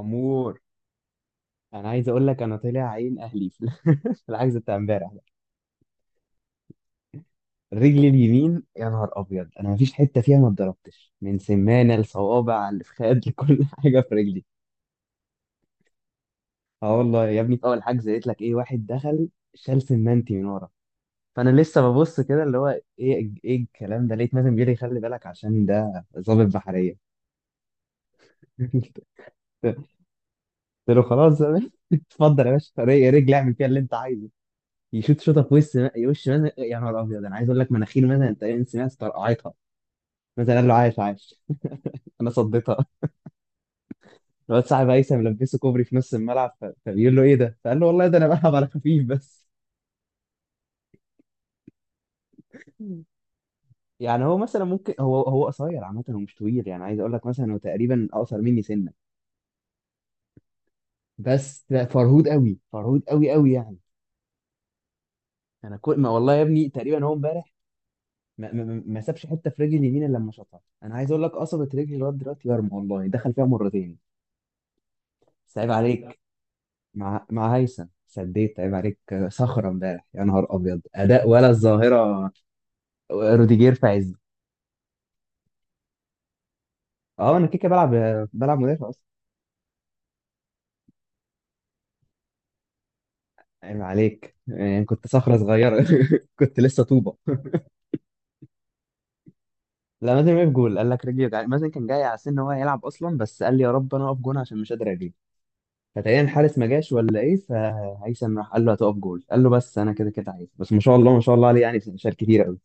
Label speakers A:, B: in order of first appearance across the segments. A: امور. انا عايز اقول لك انا طلع عين اهلي في في الحجز بتاع امبارح ده. رجلي اليمين يا نهار ابيض انا مفيش حته فيها ما اتضربتش من سمانه لصوابع لفخاد لكل حاجه في رجلي. اه والله يا ابني في اول حجز قلت لك ايه، واحد دخل شال سمانتي من ورا، فانا لسه ببص كده اللي هو ايه ايه الكلام ده، لقيت مازن بيقول لي خلي بالك عشان ده ضابط بحريه. قلت له خلاص يا باشا، اتفضل يا باشا رجلي اعمل فيها اللي انت عايزه. يشوط شوطه في وش، وش مثلا يا نهار ابيض، انا عايز اقول لك مناخير مثلا تقريبا سمعت طرقعتها. مثلا قال له عايش عايش. انا صديتها. الواد صاحب هيثم لبسه كوبري في نص الملعب فبيقول له ايه ده؟ فقال له والله ده انا بلعب على خفيف بس. يعني هو مثلا ممكن هو قصير، عامه هو مش طويل، يعني عايز اقول لك مثلا هو تقريبا اقصر مني سنه. بس لا، فرهود قوي، فرهود قوي قوي يعني. انا كل ما والله يا ابني تقريبا هو امبارح ما سابش حته في رجلي اليمين الا لما شاطها. انا عايز اقول لك قصبت رجلي لغايه دلوقتي يرمى، والله دخل فيها مرتين. بس عيب عليك. مع هيثم سديت، عيب عليك. صخرة امبارح يا نهار أبيض، أداء ولا الظاهرة. روديجير في عزه. أه أنا كده كده بلعب، بلعب مدافع أصلا. عيب عليك، يعني كنت صخرة صغيرة كنت لسه طوبة. لا، مازن وقف جول، قال لك رجلي وجعاني. مازن كان جاي على سن إن هو هيلعب أصلا، بس قال لي يا رب أنا أقف جون عشان مش قادر أجيب. فتقريبا الحارس ما جاش ولا إيه، فهيثم راح قال له هتقف جول، قال له بس أنا كده كده عايز، بس ما شاء الله ما شاء الله عليه، يعني شال كتير قوي.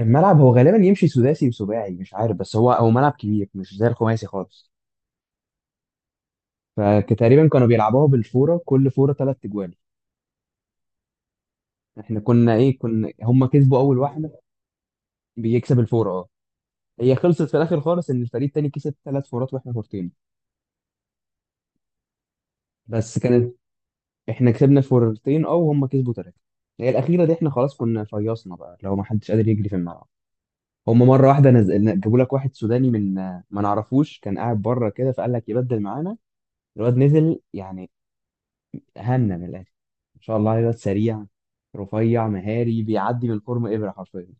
A: الملعب هو غالبا يمشي سداسي وسباعي مش عارف، بس هو ملعب كبير مش زي الخماسي خالص. فتقريبا كانوا بيلعبوها بالفوره، كل فوره ثلاث اجوال. احنا كنا ايه، كنا هم كسبوا اول واحده. بيكسب الفوره اه. هي خلصت في الاخر خالص ان الفريق التاني كسب ثلاث فورات واحنا فورتين. بس كانت، احنا كسبنا الفورتين اه، وهم كسبوا ثلاثه. هي الاخيره دي احنا خلاص كنا فيصنا بقى، لو ما حدش قادر يجري في الملعب. هم مره واحده نزل جابوا لك واحد سوداني من، ما نعرفوش، كان قاعد بره كده فقال لك يبدل معانا. الواد نزل يعني هنا من الاخر. ما شاء الله عليه، الواد سريع، رفيع، مهاري، بيعدي من الفورم ابره حرفيا.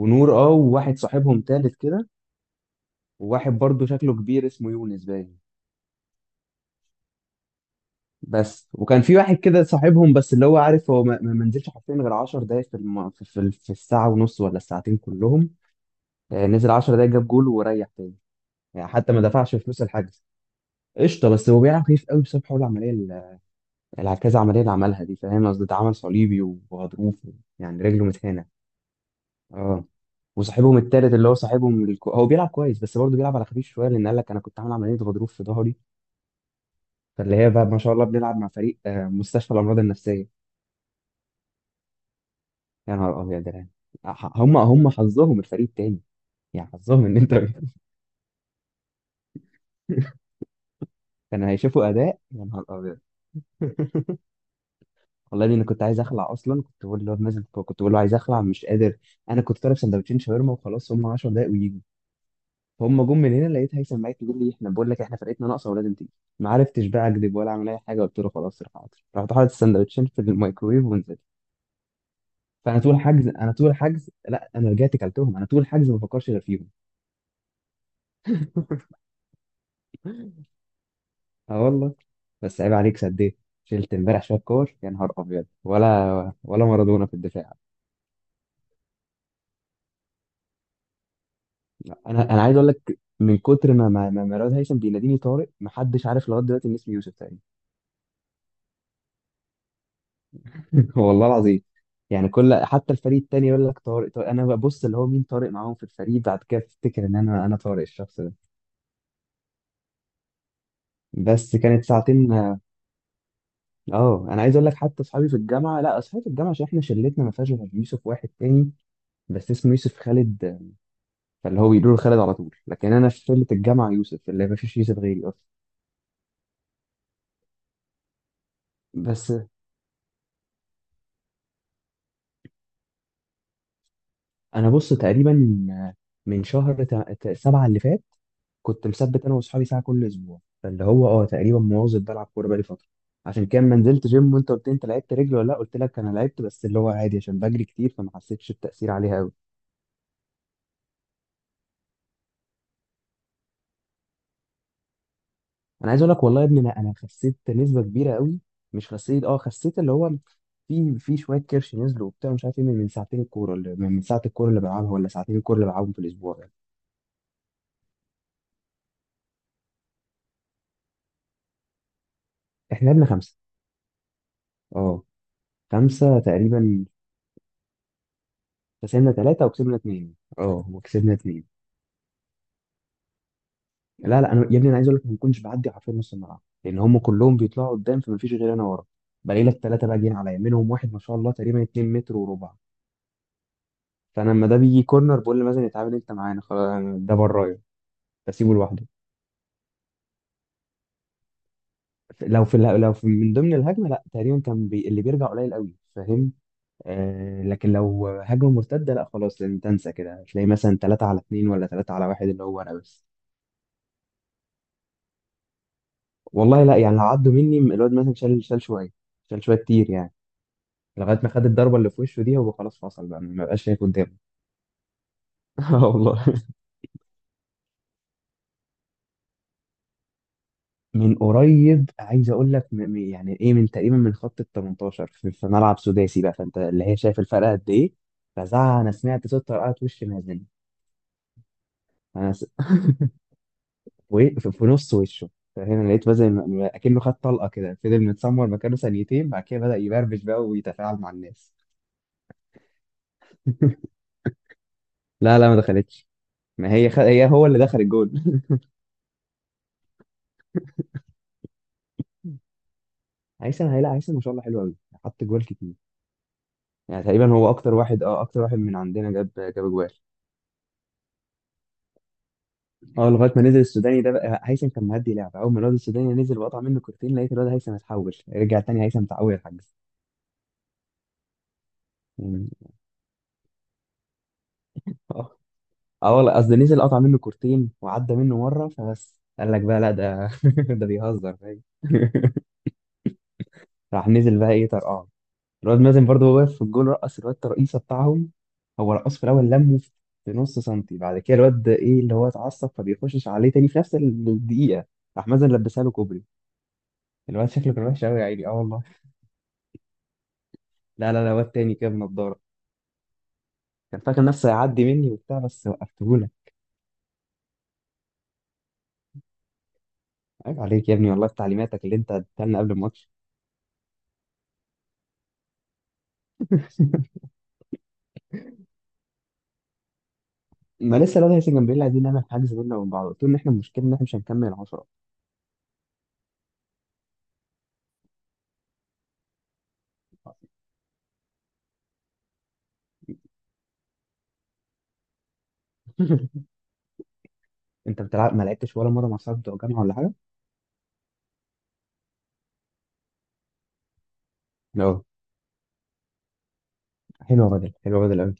A: ونور اه، وواحد صاحبهم تالت كده، وواحد برضه شكله كبير اسمه يونس باين بس. وكان في واحد كده صاحبهم بس اللي هو عارف هو ما منزلش حرفيا غير 10 دقايق في, الم... في, في, في الساعة ونص ولا الساعتين كلهم. آه، نزل 10 دقايق جاب جول وريح تاني. يعني حتى ما دفعش فلوس الحجز. قشطة، بس هو بيلعب خفيف قوي بسبب حول كذا عملية اللي عملها دي، فاهم قصدي، ده عمل صليبي وغضروف. يعني رجله متهانة اه. وصاحبهم التالت اللي هو هو بيلعب كويس بس برضه بيلعب على خفيف شويه لان قال لك انا كنت عامل عمليه غضروف في ظهري. فاللي هي بقى ما شاء الله بنلعب مع فريق آه، مستشفى الامراض النفسيه. يا نهار ابيض يعني. هم حظهم الفريق تاني، يعني حظهم ان انت. كانوا هيشوفوا اداء يا نهار ابيض. والله إني انا كنت عايز اخلع اصلا، كنت بقول له نازل، كنت بقول له عايز اخلع مش قادر. انا كنت طالب سندوتشين شاورما وخلاص، هم 10 دقايق ويجوا. هم جم من هنا لقيت هيثم معايا يقول لي احنا، بقول لك احنا فرقتنا ناقصه ولازم تيجي. ما عرفتش بقى اكذب ولا اعمل اي حاجه، قلت له خلاص روح حاضر. رحت حاطط السندوتشين في الميكرويف ونزلت. فانا طول الحجز انا طول الحجز، لا انا رجعت كلتهم، انا طول الحجز ما بفكرش غير فيهم. اه والله. بس عيب عليك سديت. شلت امبارح شويه كور يا نهار ابيض، ولا مارادونا في الدفاع. انا عايز اقول لك من كتر ما مراد هيثم بيناديني طارق، محدش عارف لغايه دلوقتي ان اسمي يوسف تقريبا. والله العظيم. يعني كل، حتى الفريق التاني يقول لك طارق طارق، انا ببص اللي هو مين طارق معاهم في الفريق، بعد كده افتكر ان انا طارق الشخص ده. بس كانت ساعتين. اه انا عايز اقول لك حتى اصحابي في الجامعه، لا اصحابي في الجامعه عشان احنا شلتنا ما فيهاش غير يوسف واحد تاني بس اسمه يوسف خالد، فاللي هو بيقولوا له خالد على طول، لكن انا في شله الجامعه يوسف اللي ما فيش يوسف غيري اصلا. بس انا بص تقريبا من شهر سبعه اللي فات كنت مثبت انا واصحابي ساعه كل اسبوع، فاللي هو اه تقريبا مواظب بلعب كوره بقالي فتره. عشان كده ما نزلت جيم، وانت قلت لي انت لعبت رجل ولا لا، قلت لك انا لعبت بس اللي هو عادي عشان بجري كتير فما حسيتش التاثير عليها قوي. انا عايز اقول لك والله يا ابني انا خسيت نسبه كبيره قوي، مش خسيت اه خسيت اللي هو في شويه كرش نزلوا وبتاع مش عارف ايه، من من ساعتين الكوره اللي من ساعه الكوره اللي بلعبها ولا ساعتين الكوره اللي بلعبهم في الاسبوع يعني. احنا لعبنا خمسه اه، خمسه تقريبا. خسرنا ثلاثه وكسبنا اثنين اه، وكسبنا اثنين. لا لا، انا يا ابني انا عايز اقول لك ما كنتش بعدي حرفيا نص الملعب، لان هم كلهم بيطلعوا قدام فما فيش غير انا ورا. بلاقي لك ثلاثه بقى جايين عليا منهم واحد ما شاء الله تقريبا 2 متر وربع. فانا لما ده بيجي كورنر بقول لمازن اتعامل انت معانا خلاص ده برايا، بسيبه لوحده. لو في من ضمن الهجمه، لا تقريبا كان بي... اللي بيرجع قليل قوي، فاهم. آه لكن لو هجمه مرتده لا خلاص، لأن تنسى كده تلاقي مثلا 3 على 2 ولا 3 على 1 اللي هو انا بس. والله لا، يعني لو عدوا مني الواد مثلا شال شويه، شال شويه كتير يعني لغايه ما خد الضربه اللي في وشه دي، هو خلاص فصل بقى ما بقاش شايف قدامه. اه والله. من قريب عايز اقول لك يعني ايه، من تقريبا من خط ال 18، في ملعب سداسي بقى، فانت اللي هي شايف الفرق قد ايه. فزعق، انا سمعت صوت طرقعت وش، مهزله. انا س... وفي نص وشه. فهنا لقيت بقى زي اكنه خد طلقه كده، فضل متسمر مكانه ثانيتين بعد كده بدأ يبربش بقى ويتفاعل مع الناس. لا لا، ما دخلتش. ما هي هو اللي دخل الجول. هيثم، هي لا هيثم ما شاء الله حلو قوي، حط جوال كتير. يعني تقريبا هو اكتر واحد اه، اكتر واحد من عندنا جاب جوال اه، لغايه ما نزل السوداني ده بقى. هيثم كان مهدي لعبه، اول ما الواد السوداني نزل وقطع منه كورتين لقيت الواد هيثم اتحول، رجع تاني هيثم تعوي الحجز. يعني آه. اه والله قصدي نزل قطع منه كورتين وعدى منه مره، فبس قال لك بقى لا ده ده بيهزر، فاهم. راح نزل بقى ايه طرقعه. الواد مازن برضه وهو واقف في الجول رقص، الواد الرئيسه بتاعهم هو رقص في الاول لمه في نص سنتي، بعد كده الواد ايه اللي هو اتعصب فبيخشش عليه تاني في نفس الدقيقه، راح مازن لبسها له كوبري. الواد شكله كان وحش قوي يا عيني اه والله. لا لا لا، واد تاني كده بنضاره، كان فاكر نفسه هيعدي مني وبتاع بس وقفتهولك. عيب عليك يا ابني، والله في تعليماتك اللي انت اديتها لنا قبل الماتش. ما لسه الواد هيثم جنبيل عايزين نعمل حجز بينا وبين بعض، قلت له ان احنا المشكله ان احنا مش هنكمل 10. انت بتلعب، ما لعبتش ولا مره مع صحابك بتوع الجامعه ولا حاجه؟ لا، حلوه بدل، حلوه بدل قوي.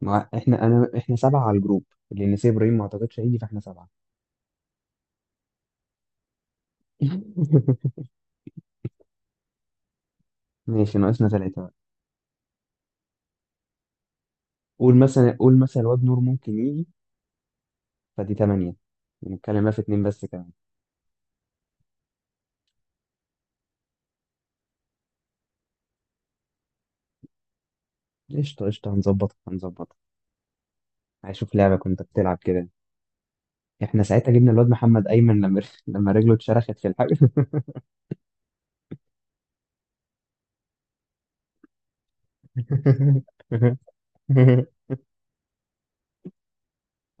A: ما احنا، انا احنا سبعه على الجروب، لان سي ابراهيم ما اعتقدش هيجي فاحنا سبعه. ماشي، ناقصنا ثلاثه بقى. قول مثلا، قول مثلا الواد نور ممكن يجي، فدي ثمانيه. نتكلم بقى في اتنين بس كمان. قشطه قشطه، هنظبط هنظبط. هشوف لعبه كنت بتلعب كده. احنا ساعتها جبنا الواد محمد ايمن لما لما رجله اتشرخت في الحجز.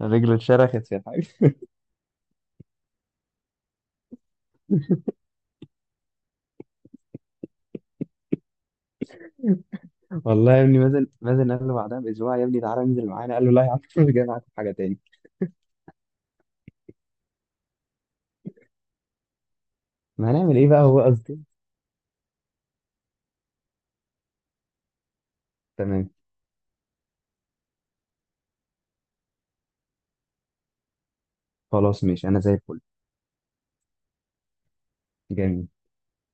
A: رجله اتشرخت يا حاج. والله يا ابني مازن، مازن قال له بعدها باسبوع يا ابني تعالى انزل معانا، قال له لا يا عم مش جاي معاك في حاجه تاني. ما هنعمل ايه بقى هو قصدي. تمام. خلاص ماشي، انا زي الفل. جميل.